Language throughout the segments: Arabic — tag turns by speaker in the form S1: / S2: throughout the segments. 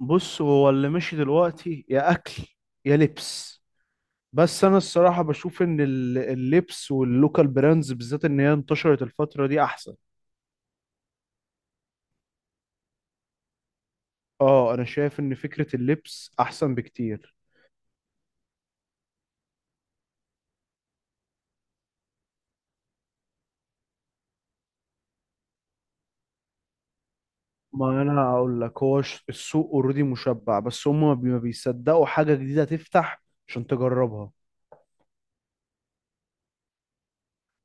S1: بص هو اللي ماشي دلوقتي يا اكل يا لبس. بس انا الصراحه بشوف ان اللبس واللوكال براندز بالذات ان هي انتشرت الفتره دي احسن. اه انا شايف ان فكره اللبس احسن بكتير. ما انا هقول لك هو السوق اوريدي مشبع، بس هم ما بيصدقوا حاجه جديده تفتح عشان تجربها.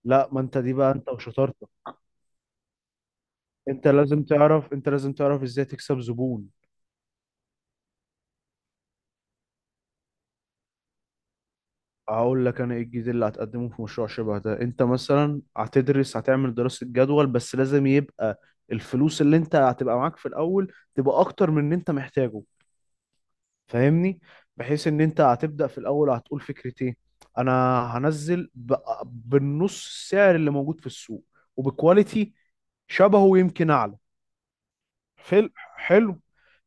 S1: لا، ما انت دي بقى انت وشطارتك. انت لازم تعرف، انت لازم تعرف ازاي تكسب زبون. هقول لك انا ايه الجديد اللي هتقدمه في مشروع شبه ده. انت مثلا هتدرس، هتعمل دراسة جدول، بس لازم يبقى الفلوس اللي انت هتبقى معاك في الاول تبقى اكتر من اللي انت محتاجه. فاهمني؟ بحيث ان انت هتبدأ في الاول هتقول فكرتين. انا هنزل بالنص السعر اللي موجود في السوق، وبكواليتي شبهه ويمكن اعلى. حلو حلو.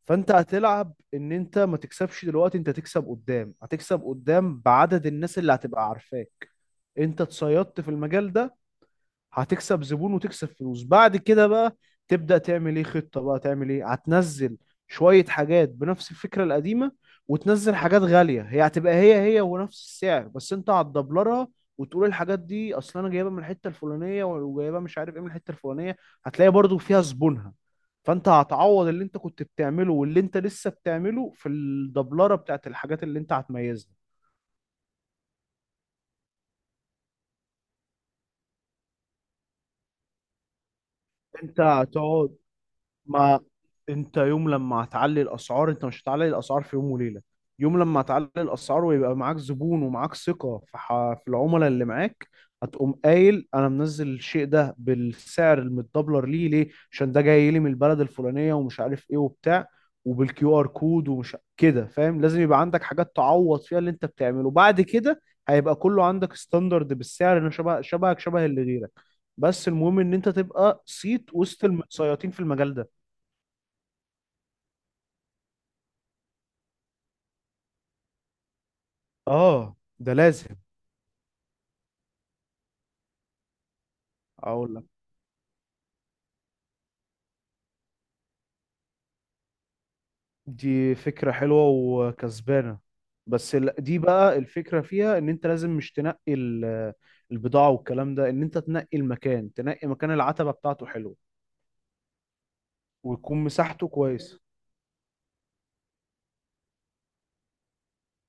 S1: فانت هتلعب ان انت ما تكسبش دلوقتي، انت تكسب قدام. هتكسب قدام بعدد الناس اللي هتبقى عارفاك. انت اتصيدت في المجال ده، هتكسب زبون وتكسب فلوس. بعد كده بقى تبدأ تعمل ايه خطة، بقى تعمل ايه. هتنزل شوية حاجات بنفس الفكرة القديمة، وتنزل حاجات غالية هي هتبقى هي هي ونفس السعر بس انت هتدبلرها. وتقول الحاجات دي اصل انا جايبها من الحتة الفلانية، وجايبها مش عارف ايه من الحتة الفلانية. هتلاقي برضو فيها زبونها. فانت هتعوض اللي انت كنت بتعمله واللي انت لسه بتعمله في الدبلرة بتاعت الحاجات اللي انت هتميزها. انت هتقعد، ما انت يوم لما هتعلي الاسعار انت مش هتعلي الاسعار في يوم وليله. يوم لما هتعلي الاسعار ويبقى معاك زبون ومعاك ثقه في في العملاء اللي معاك، هتقوم قايل انا منزل الشيء ده بالسعر المتدبلر ليه، ليه؟ عشان ده جاي لي من البلد الفلانيه ومش عارف ايه وبتاع، وبالكيو ار كود ومش كده. فاهم؟ لازم يبقى عندك حاجات تعوض فيها اللي انت بتعمله بعد كده. هيبقى كله عندك ستاندرد بالسعر انه شبهك شبه اللي غيرك، بس المهم ان انت تبقى صيت وسط المتسيطين في المجال ده. اه ده لازم. اقول لك، دي فكرة حلوة وكسبانة. بس دي بقى الفكرة فيها ان انت لازم مش تنقي البضاعة والكلام ده، ان انت تنقي المكان، تنقي مكان العتبة بتاعته حلوة، ويكون مساحته كويسة.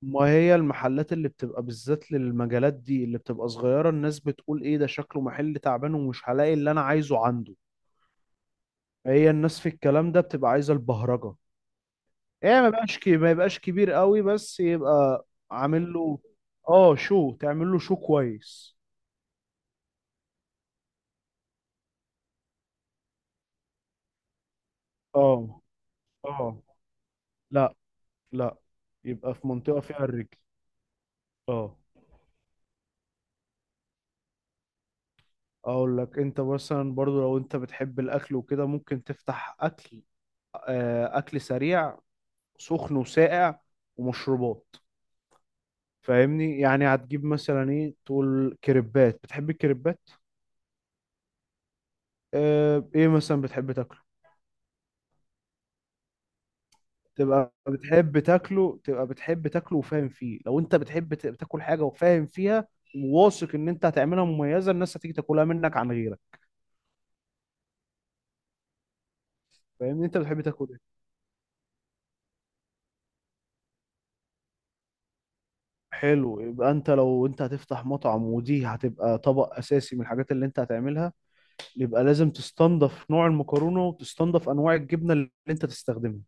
S1: ما هي المحلات اللي بتبقى بالذات للمجالات دي اللي بتبقى صغيرة الناس بتقول ايه ده، شكله محل تعبان ومش هلاقي اللي انا عايزه عنده. هي الناس في الكلام ده بتبقى عايزة البهرجة. ايه، ما يبقاش كبير قوي بس يبقى عامل له، اه شو تعمل له شو كويس. اه، اه. لا، لا، يبقى في منطقة فيها الرجل. اه. اقول لك، انت مثلا برضو لو انت بتحب الاكل وكده ممكن تفتح اكل، اكل سريع، سخن وساقع، ومشروبات. فاهمني؟ يعني هتجيب مثلا ايه، تقول كريبات، بتحب الكريبات؟ ايه مثلا بتحب تاكل؟ تبقى بتحب تاكله، تبقى بتحب تاكله وفاهم فيه. لو انت بتحب تاكل حاجه وفاهم فيها وواثق ان انت هتعملها مميزه، الناس هتيجي تاكلها منك عن غيرك. فاهمني؟ انت بتحب تاكل ايه؟ حلو. يبقى انت لو انت هتفتح مطعم ودي هتبقى طبق اساسي من الحاجات اللي انت هتعملها، يبقى لازم تستنضف نوع المكرونه وتستنضف انواع الجبنه اللي انت تستخدمها.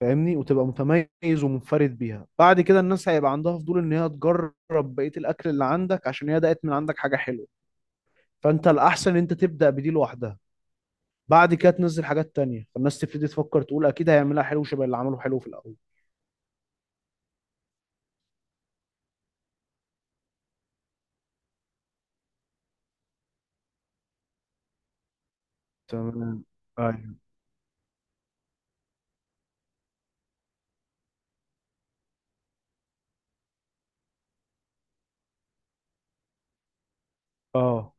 S1: فاهمني؟ وتبقى متميز ومنفرد بيها. بعد كده الناس هيبقى عندها فضول ان هي تجرب بقيه الاكل اللي عندك عشان هي دقت من عندك حاجه حلوه. فانت الاحسن ان انت تبدا بدي لوحدها، بعد كده تنزل حاجات تانية، فالناس تبتدي تفكر تقول اكيد هيعملها حلو شبه اللي عمله حلو في الاول. تمام. ايوه. اه.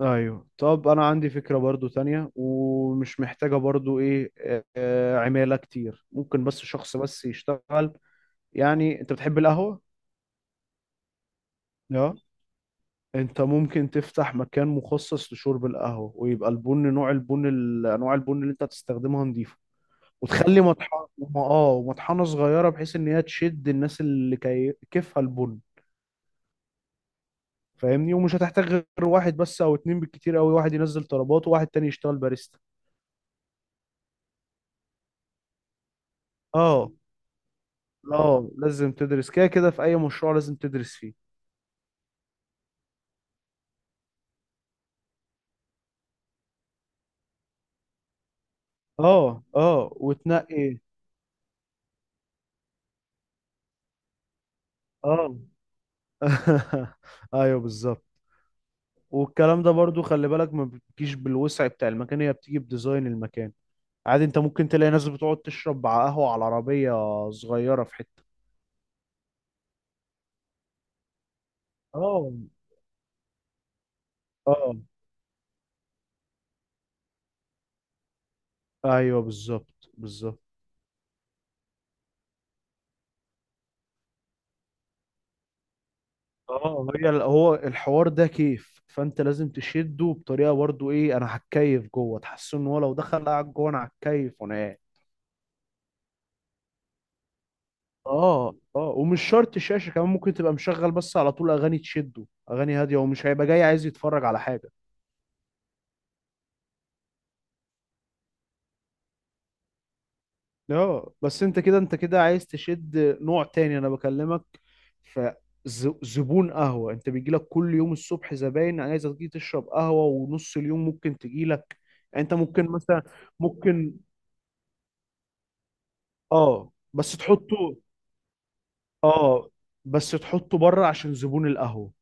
S1: ايوه، طب انا عندي فكرة برضو تانية ومش محتاجة برضو ايه، عمالة كتير. ممكن بس شخص بس يشتغل. يعني انت بتحب القهوة؟ اه. انت ممكن تفتح مكان مخصص لشرب القهوة ويبقى البن، نوع البن، انواع البن اللي انت هتستخدمها نضيفة، وتخلي مطحنه. اه مطحنه صغيره بحيث ان هي تشد الناس اللي كيفها البن. فاهمني؟ ومش هتحتاج غير واحد بس او اتنين بالكتير قوي، واحد ينزل طلبات وواحد تاني يشتغل باريستا. اه. اه لازم تدرس، كده كده في اي مشروع لازم تدرس فيه. اه، اه وتنقي. اه. ايوه بالظبط. والكلام ده برضو خلي بالك، ما بتجيش بالوسع بتاع المكان، هي بتيجي بديزاين المكان. عادي انت ممكن تلاقي ناس بتقعد تشرب قهوة على عربية صغيرة في حتة. اه. اه. ايوه بالظبط، بالظبط. اه، هي هو الحوار ده كيف، فانت لازم تشده بطريقه برضو ايه، انا هتكيف جوه، تحس ان هو لو دخل قاعد جوه، انا هتكيف وانا قاعد. اه، اه. ومش شرط الشاشه، كمان ممكن تبقى مشغل بس على طول اغاني تشده، اغاني هاديه، ومش هيبقى جاي عايز يتفرج على حاجه. اه، بس انت كده، انت كده عايز تشد نوع تاني، انا بكلمك فزبون قهوة انت بيجيلك كل يوم الصبح زباين عايزة تيجي تشرب قهوة، ونص اليوم ممكن تجيلك. انت ممكن مثلا، ممكن، اه بس تحطه. اه بس تحطه بره عشان زبون القهوة.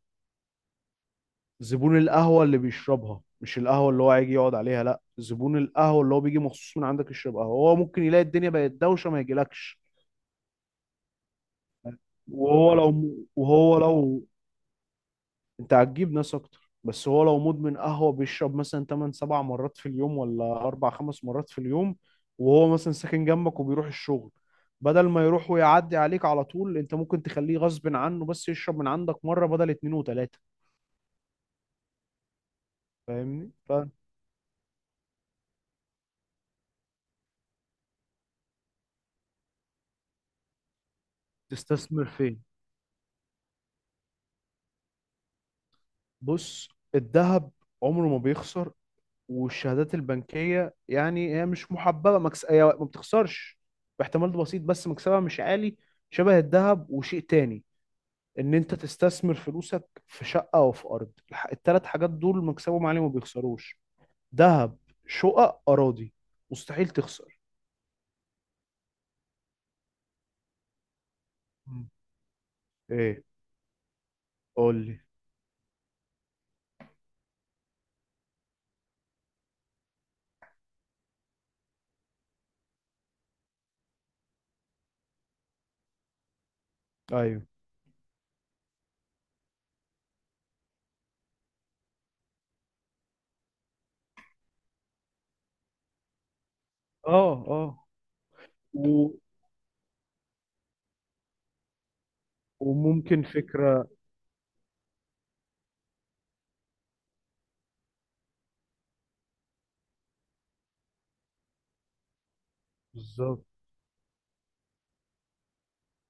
S1: زبون القهوة اللي بيشربها، مش القهوة اللي هو هيجي يقعد عليها، لا، زبون القهوة اللي هو بيجي مخصوص من عندك يشرب قهوة، هو ممكن يلاقي الدنيا بقت دوشة ما يجيلكش. وهو لو وهو لو انت هتجيب ناس اكتر، بس هو لو مدمن قهوة بيشرب مثلا 8 7 مرات في اليوم ولا 4 5 مرات في اليوم، وهو مثلا ساكن جنبك وبيروح الشغل، بدل ما يروح ويعدي عليك على طول انت ممكن تخليه غصب عنه بس يشرب من عندك مرة بدل اتنين وتلاتة. فاهمني؟ فتستثمر فين؟ بص، الذهب عمره ما بيخسر، والشهادات البنكية يعني هي مش محببة، هي ما بتخسرش باحتمال بسيط، بس مكسبها مش عالي، شبه الذهب. وشيء تاني، ان انت تستثمر فلوسك في شقه او في ارض. التلات حاجات دول مكسبهم عالي وما بيخسروش. ذهب، شقق، اراضي، مستحيل تخسر. مم. ايه، قول لي. ايوه. اه. اه. و... وممكن فكره. بالظبط.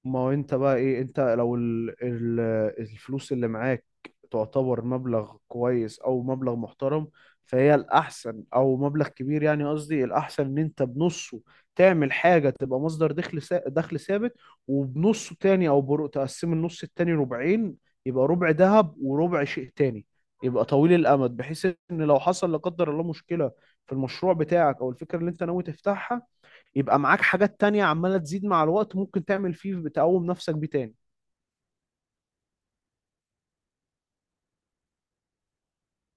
S1: ما هو انت بقى ايه، انت لو الفلوس اللي معاك تعتبر مبلغ كويس او مبلغ محترم، فهي الاحسن، او مبلغ كبير يعني، قصدي الاحسن ان انت بنصه تعمل حاجة تبقى مصدر دخل دخل ثابت، وبنصه تاني او تقسم النص التاني ربعين، يبقى ربع ذهب وربع شيء تاني يبقى طويل الامد، بحيث ان لو حصل لا قدر الله مشكلة في المشروع بتاعك او الفكرة اللي انت ناوي تفتحها، يبقى معاك حاجات تانية عمالة تزيد مع الوقت، ممكن تعمل فيه بتقوم نفسك بيه تاني.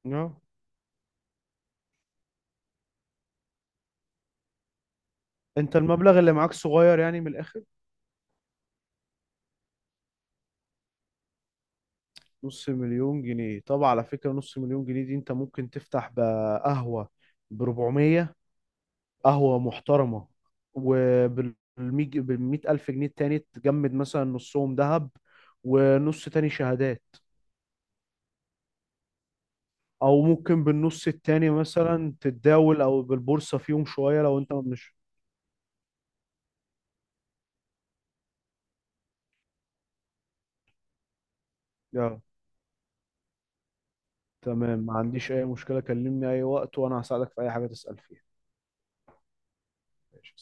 S1: اه. انت المبلغ اللي معاك صغير يعني من الاخر. نص مليون جنيه؟ طب على فكرة نص مليون جنيه دي انت ممكن تفتح بقهوة ب 400، قهوة محترمة، وبال 100 ألف جنيه التاني تجمد مثلا نصهم ذهب ونص تاني شهادات. او ممكن بالنص التاني مثلا تتداول او بالبورصة فيهم شوية لو انت مش. تمام، ما عنديش أي مشكلة، كلمني أي وقت وأنا هساعدك في أي حاجة تسأل فيها. ماشي.